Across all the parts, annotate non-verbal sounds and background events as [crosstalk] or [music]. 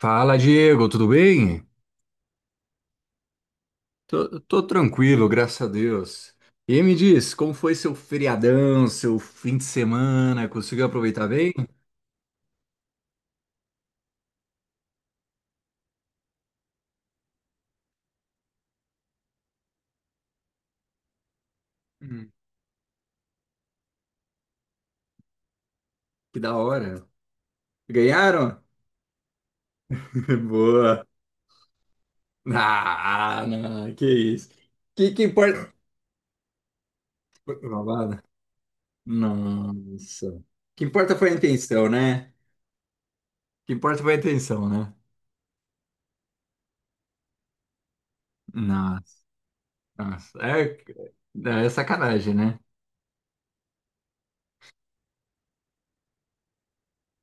Fala, Diego, tudo bem? Tô tranquilo, graças a Deus. E me diz, como foi seu feriadão, seu fim de semana? Conseguiu aproveitar bem? Hum. Que da hora. Ganharam? [laughs] Boa. Ah, não, que isso. Que importa? Foi roubada? Nossa. Que importa foi a intenção, né? Que importa foi a intenção, né? Nossa, nossa. É, é sacanagem, né?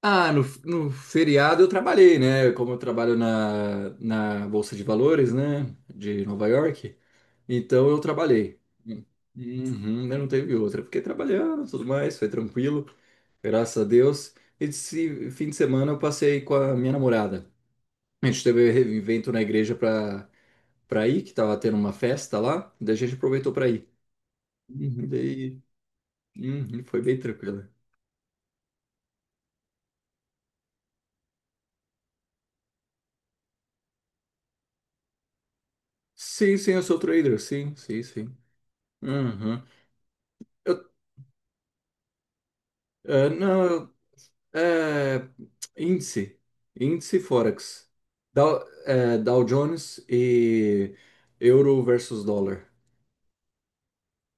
Ah, no feriado eu trabalhei, né? Como eu trabalho na Bolsa de Valores, né? De Nova York. Então eu trabalhei. Uhum, né, não teve outra. Fiquei trabalhando, tudo mais, foi tranquilo, graças a Deus. Esse fim de semana eu passei com a minha namorada. A gente teve um evento na igreja pra ir, que tava tendo uma festa lá, daí a gente aproveitou pra ir. Uhum, daí, uhum, foi bem tranquilo. Sim, sim, eu sou trader, sim, sim, sim. Uhum. Eu É, não, é, índice, índice Forex. Dow Jones e euro versus dólar.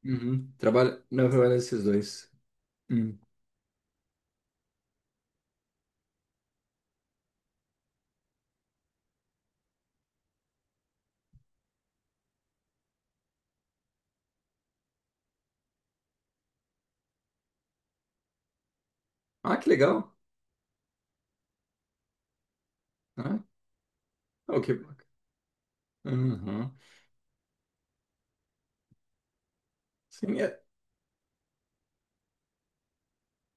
Uhum. Trabalha, não, trabalha esses dois. Hum. Ah, que legal. Ah, ok. Uhum. Sim, é.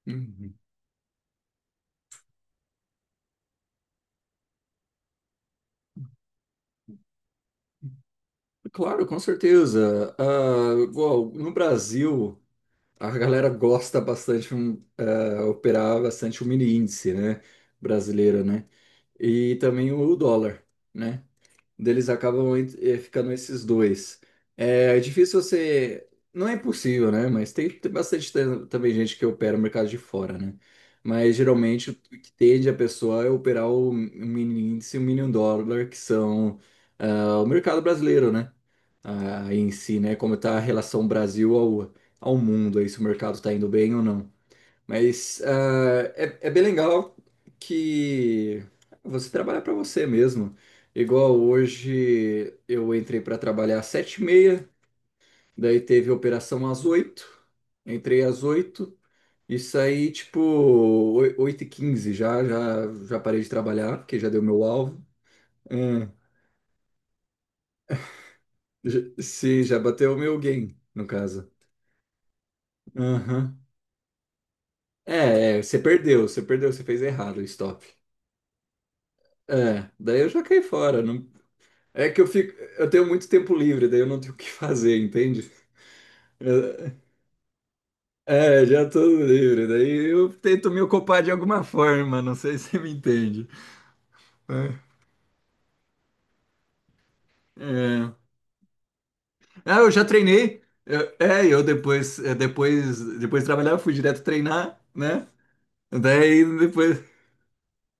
Uhum. Claro, com certeza. Ah, igual, no Brasil, a galera gosta bastante operar bastante o mini índice, né? Brasileiro, né? E também o dólar. Né? Deles acabam ficando esses dois. É difícil você. Não é impossível, né? Mas tem bastante também gente que opera o mercado de fora, né? Mas geralmente o que tende a pessoa é operar o mini índice e o mini dólar, que são o mercado brasileiro, né? Ah, em si, né? Como está a relação Brasil ao mundo, aí se o mercado está indo bem ou não. Mas é bem legal que você trabalha para você mesmo. Igual hoje eu entrei para trabalhar às 7h30, daí teve operação às 8h, entrei às 8h e saí tipo 8h15 já, já, já parei de trabalhar, porque já deu meu alvo. Hum, sim, já bateu o meu gain, no caso. Aham. É, você perdeu, você perdeu, você fez errado o stop. É, daí eu já caí fora, não. É que eu fico, eu tenho muito tempo livre, daí eu não tenho o que fazer, entende? É, já tô livre, daí eu tento me ocupar de alguma forma, não sei se você me entende. É. É. Ah, eu já treinei. Depois de trabalhar, eu fui direto treinar, né? Daí depois,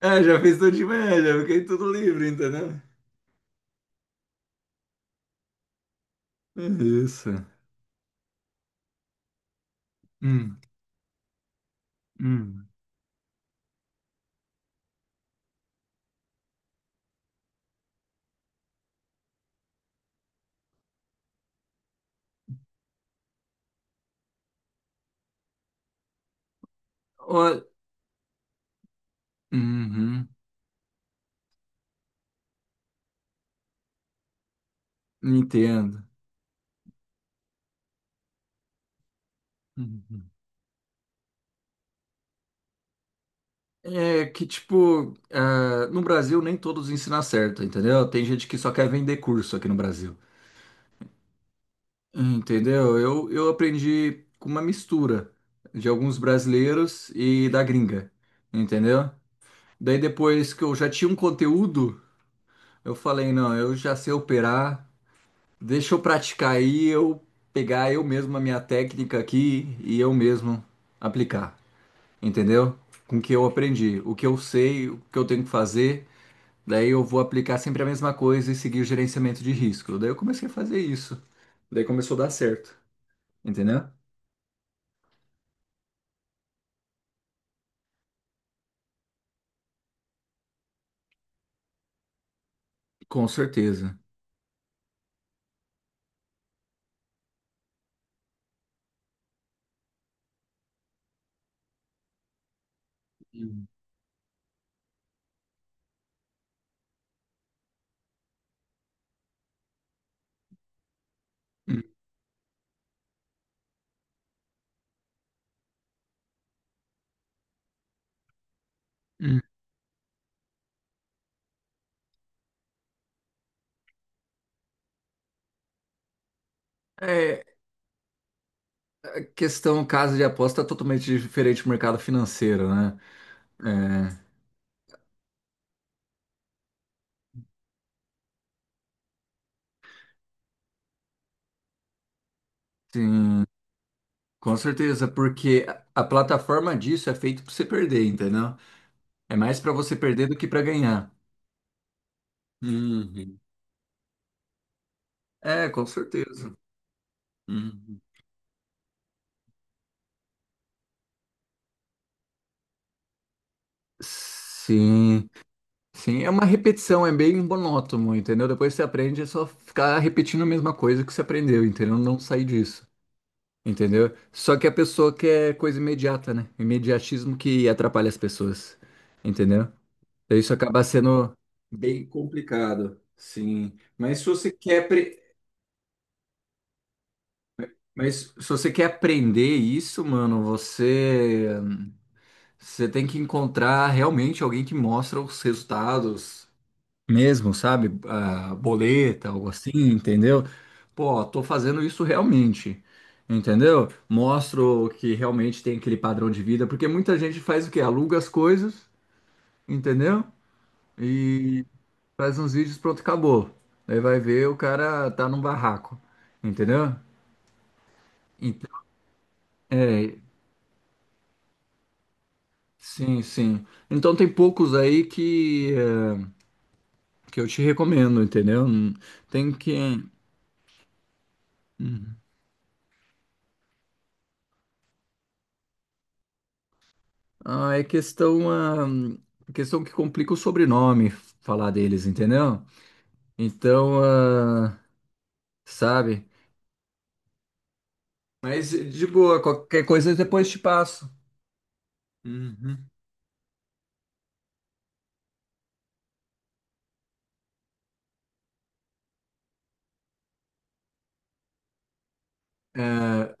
já fiz tudo de média, fiquei tudo livre, entendeu? É isso. Hum, hum. Ó- Uhum, entendo. Uhum. É que, tipo, no Brasil nem todos ensinam certo, entendeu? Tem gente que só quer vender curso aqui no Brasil, entendeu? Eu aprendi com uma mistura de alguns brasileiros e da gringa, entendeu? Daí depois que eu já tinha um conteúdo, eu falei, não, eu já sei operar, deixa eu praticar aí, eu pegar eu mesmo a minha técnica aqui e eu mesmo aplicar, entendeu? Com o que eu aprendi, o que eu sei, o que eu tenho que fazer. Daí eu vou aplicar sempre a mesma coisa e seguir o gerenciamento de risco. Daí eu comecei a fazer isso. Daí começou a dar certo. Entendeu? Com certeza. Hum. Hum, hum. É questão, casa de aposta é totalmente diferente do mercado financeiro, né? É, sim, com certeza, porque a plataforma disso é feita para você perder, entendeu? É mais para você perder do que para ganhar. Uhum. É, com certeza. Uhum. Sim. Sim, é uma repetição, é bem monótono, entendeu? Depois você aprende, é só ficar repetindo a mesma coisa que você aprendeu, entendeu? Não sair disso, entendeu? Só que a pessoa quer coisa imediata, né? Imediatismo que atrapalha as pessoas, entendeu? Daí isso acaba sendo bem complicado, sim. Mas se você quer aprender isso, mano, você tem que encontrar realmente alguém que mostra os resultados mesmo, sabe? Ah, boleta, algo assim, entendeu? Pô, tô fazendo isso realmente, entendeu? Mostro que realmente tem aquele padrão de vida, porque muita gente faz o quê? Aluga as coisas, entendeu? E faz uns vídeos, pronto, acabou. Aí vai ver, o cara tá num barraco, entendeu? Então, é, sim, sim. Então tem poucos aí que eu te recomendo, entendeu? Tem que. Ah, é questão, questão que complica o sobrenome falar deles, entendeu? Então, sabe? Mas de boa, qualquer coisa depois te passo. Uhum. É,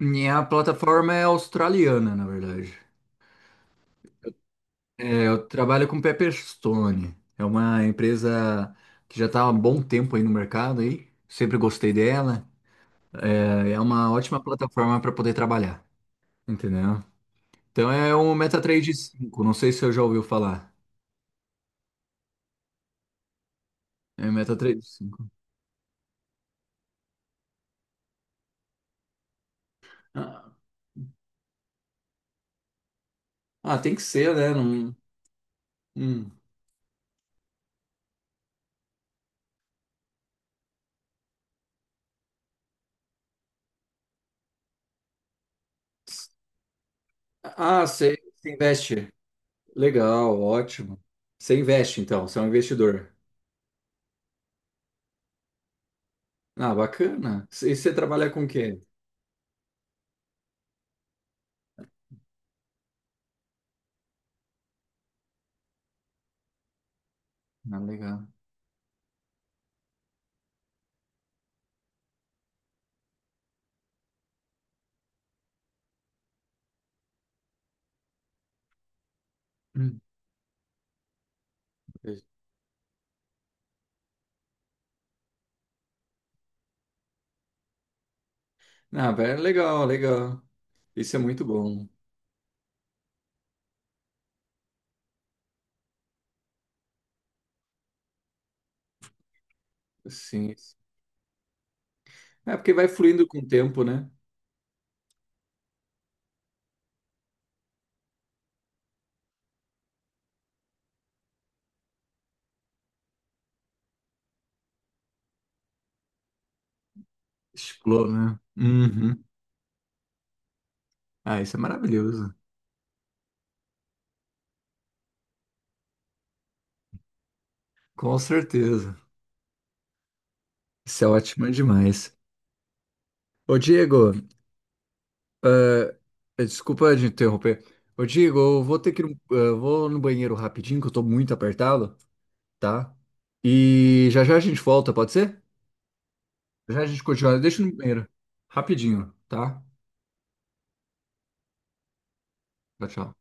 minha plataforma é australiana, na verdade. É, eu trabalho com Pepperstone. É uma empresa que já está há um bom tempo aí no mercado aí. Sempre gostei dela. É uma ótima plataforma para poder trabalhar, entendeu? Então é o MetaTrader 5. Não sei se você já ouviu falar. É meta 3,5. Ah, ah, tem que ser, né? Não, hum. Ah, você investe. Legal, ótimo. Você investe, então, você é um investidor. Ah, bacana. E você trabalha com o quê? Ah, legal. [clears throat] Hum. Ah, velho, legal, legal. Isso é muito bom. Sim. É porque vai fluindo com o tempo, né? Explorou, né? Uhum. Ah, isso é maravilhoso. Com certeza. Isso é ótimo demais. Ô, Diego. Desculpa de interromper. Ô, Diego, eu vou ter que ir, vou no banheiro rapidinho, que eu tô muito apertado, tá? E já já a gente volta, pode ser? Já já a gente continua. Deixa no banheiro. Rapidinho, tá? Tchau, tchau.